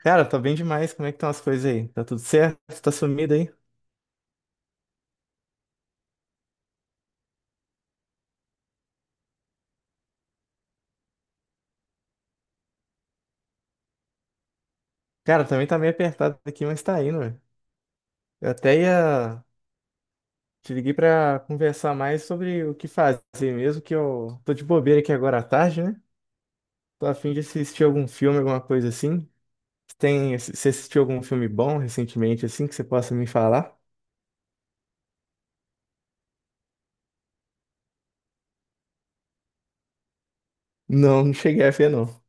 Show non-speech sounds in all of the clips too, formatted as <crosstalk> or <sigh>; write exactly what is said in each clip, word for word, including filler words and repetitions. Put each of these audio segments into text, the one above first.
Cara, tô bem demais. Como é que estão as coisas aí? Tá tudo certo? Tá sumido aí? Cara, também tá meio apertado aqui, mas tá indo, velho. Eu até ia. Te liguei pra conversar mais sobre o que fazer mesmo, que eu tô de bobeira aqui agora à tarde, né? Tô a fim de assistir algum filme, alguma coisa assim. Você Tem... Você assistiu algum filme bom recentemente, assim, que você possa me falar? Não, não cheguei a ver, não.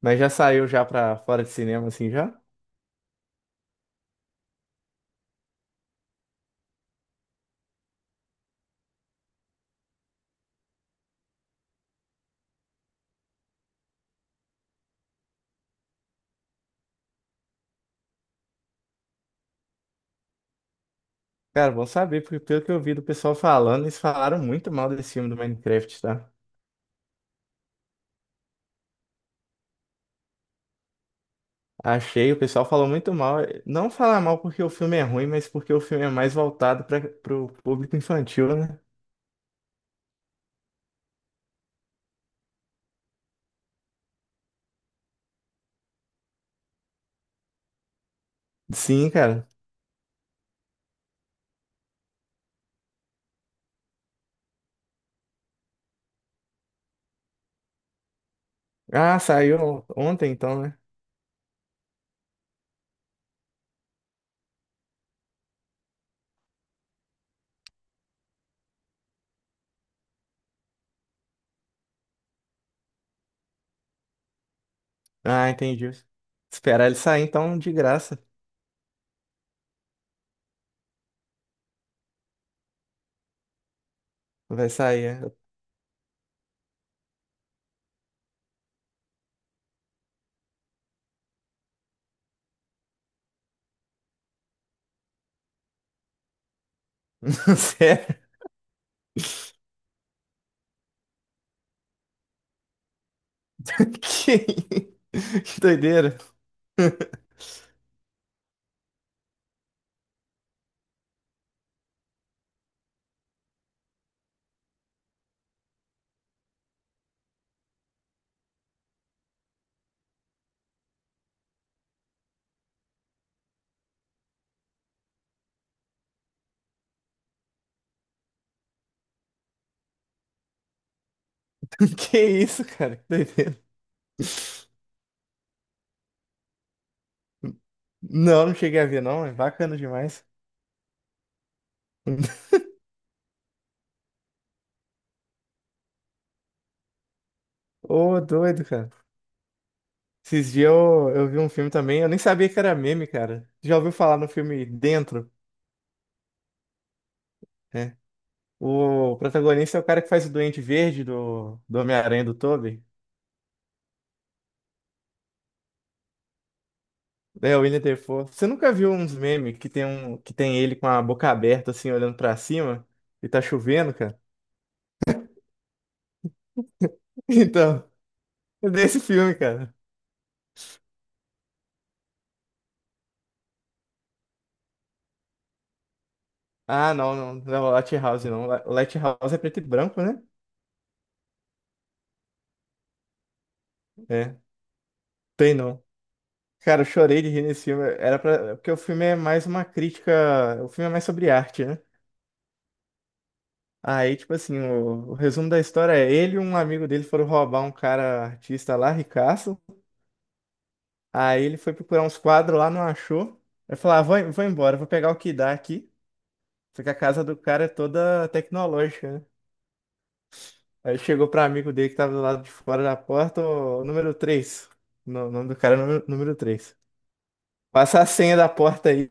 Mas já saiu já pra fora de cinema, assim, já? Cara, bom saber, porque pelo que eu vi do pessoal falando, eles falaram muito mal desse filme do Minecraft, tá? Achei, o pessoal falou muito mal. Não falar mal porque o filme é ruim, mas porque o filme é mais voltado para pro público infantil, né? Sim, cara. Ah, saiu ontem então, né? Ah, entendi. Esperar ele sair então de graça. Vai sair. É. <laughs> Sério? <laughs> Que, que doideira. <laughs> Que isso, cara? Que doideira. Não, não cheguei a ver, não. É bacana demais. <laughs> Ô, doido, cara. Esses dias eu, eu vi um filme também, eu nem sabia que era meme, cara. Já ouviu falar no filme Dentro, né? O protagonista é o cara que faz o Duende Verde do, do Homem-Aranha do Tobey. É, o Willem Dafoe. Você nunca viu uns memes que tem, um, que tem ele com a boca aberta, assim, olhando pra cima? E tá chovendo, cara? <laughs> Então, é desse filme, cara. Ah, não, não, não, Lighthouse não. Li- Lighthouse é preto e branco, né? É, tem não. Cara, eu chorei de rir nesse filme. Era pra. Porque o filme é mais uma crítica. O filme é mais sobre arte, né? Aí, tipo assim, o, o resumo da história é ele e um amigo dele foram roubar um cara artista lá, ricaço. Aí ele foi procurar uns quadros lá, não achou. Aí falou, ah, vou, vou embora, vou pegar o que dá aqui. Só que a casa do cara é toda tecnológica, né? Aí chegou pra amigo dele que tava do lado de fora da porta, o número três. O no- nome do cara é número, número três. Passa a senha da porta aí.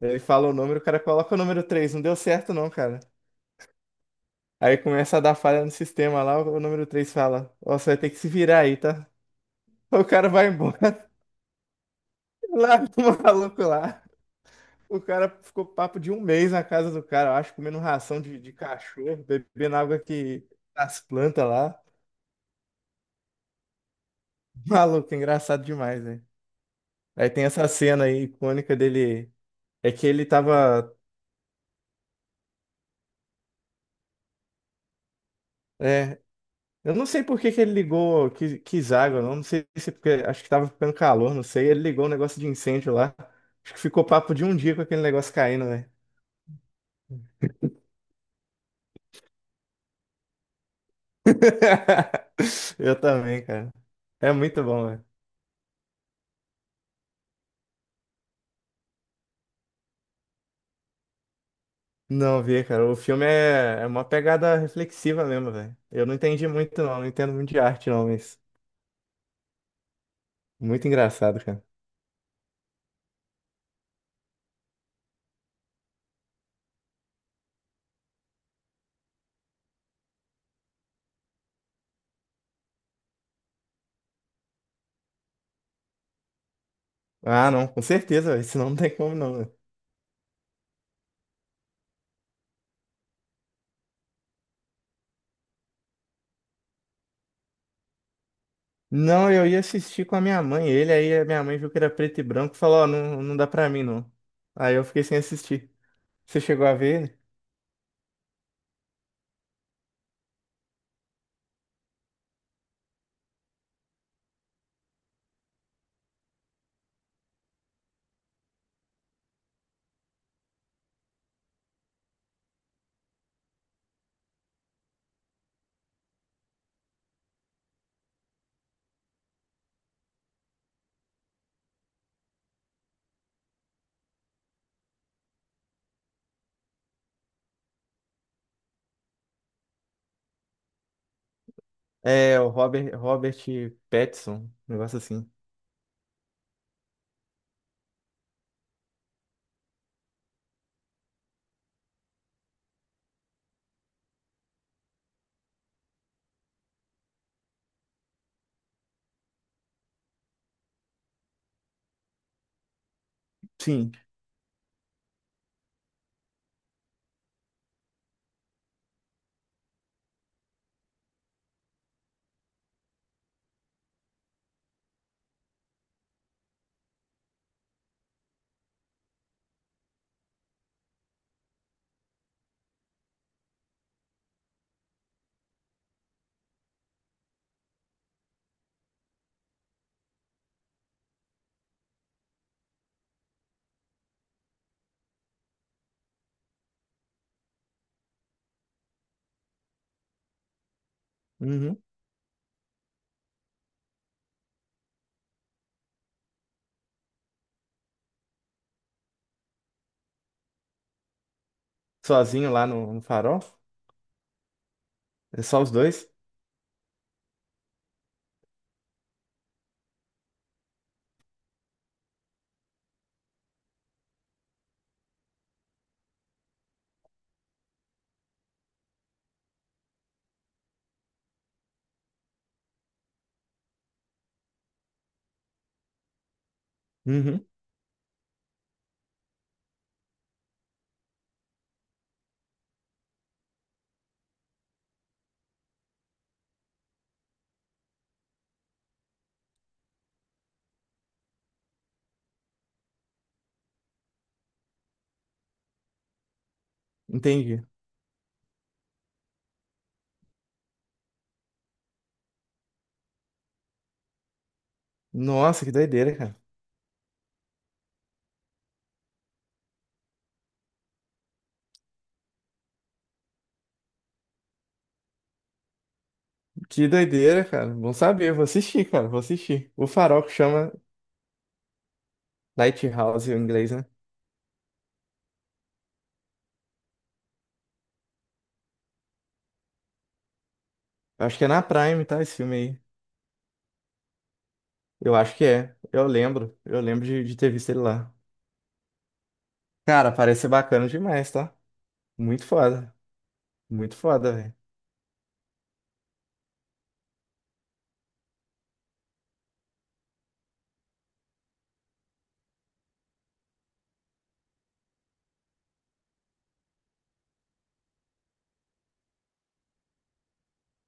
Ele fala o número, o cara coloca o número três. Não deu certo não, cara. Aí começa a dar falha no sistema lá, o número três fala, ó, você vai ter que se virar aí, tá? O cara vai embora. <laughs> Lá, o maluco lá. O cara ficou papo de um mês na casa do cara, eu acho, comendo ração de, de cachorro, bebendo água que das plantas lá. <laughs> Maluco, engraçado demais, né? Aí tem essa cena aí icônica dele. É que ele tava. É, eu não sei por que que ele ligou, quis, quis água, não. Não sei se porque. Acho que tava ficando calor, não sei. Ele ligou um negócio de incêndio lá. Acho que ficou papo de um dia com aquele negócio caindo, né? <laughs> Eu também, cara. É muito bom. Não vi, cara. O filme é, é uma pegada reflexiva mesmo, velho. Eu não entendi muito, não. Não entendo muito de arte, não, mas muito engraçado, cara. Ah, não, com certeza, velho. <laughs> Senão não tem como, não, velho. Não, eu ia assistir com a minha mãe. Ele aí, a minha mãe viu que era preto e branco e falou: Ó, não, não dá pra mim, não. Aí eu fiquei sem assistir. Você chegou a ver ele? É, o Robert, Robert Pattinson, um negócio assim. Sim. Uhum. Sozinho lá no, no farol? É só os dois? Uhum. Entendi. Nossa, que doideira, cara. Que doideira, cara. Bom saber. Vou assistir, cara. Vou assistir. O Farol que chama Lighthouse em inglês, né? Eu acho que é na Prime, tá? Esse filme aí. Eu acho que é. Eu lembro. Eu lembro de, de ter visto ele lá. Cara, parece ser bacana demais, tá? Muito foda. Muito foda, velho.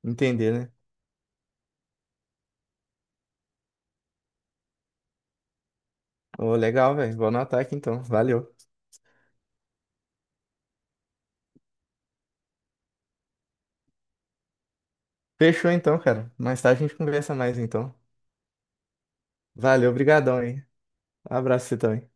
Entender, né? Ô, legal, velho. Vou anotar aqui então. Valeu. Fechou então, cara. Mais tarde a gente conversa mais então. Valeu, brigadão aí. Abraço pra você também.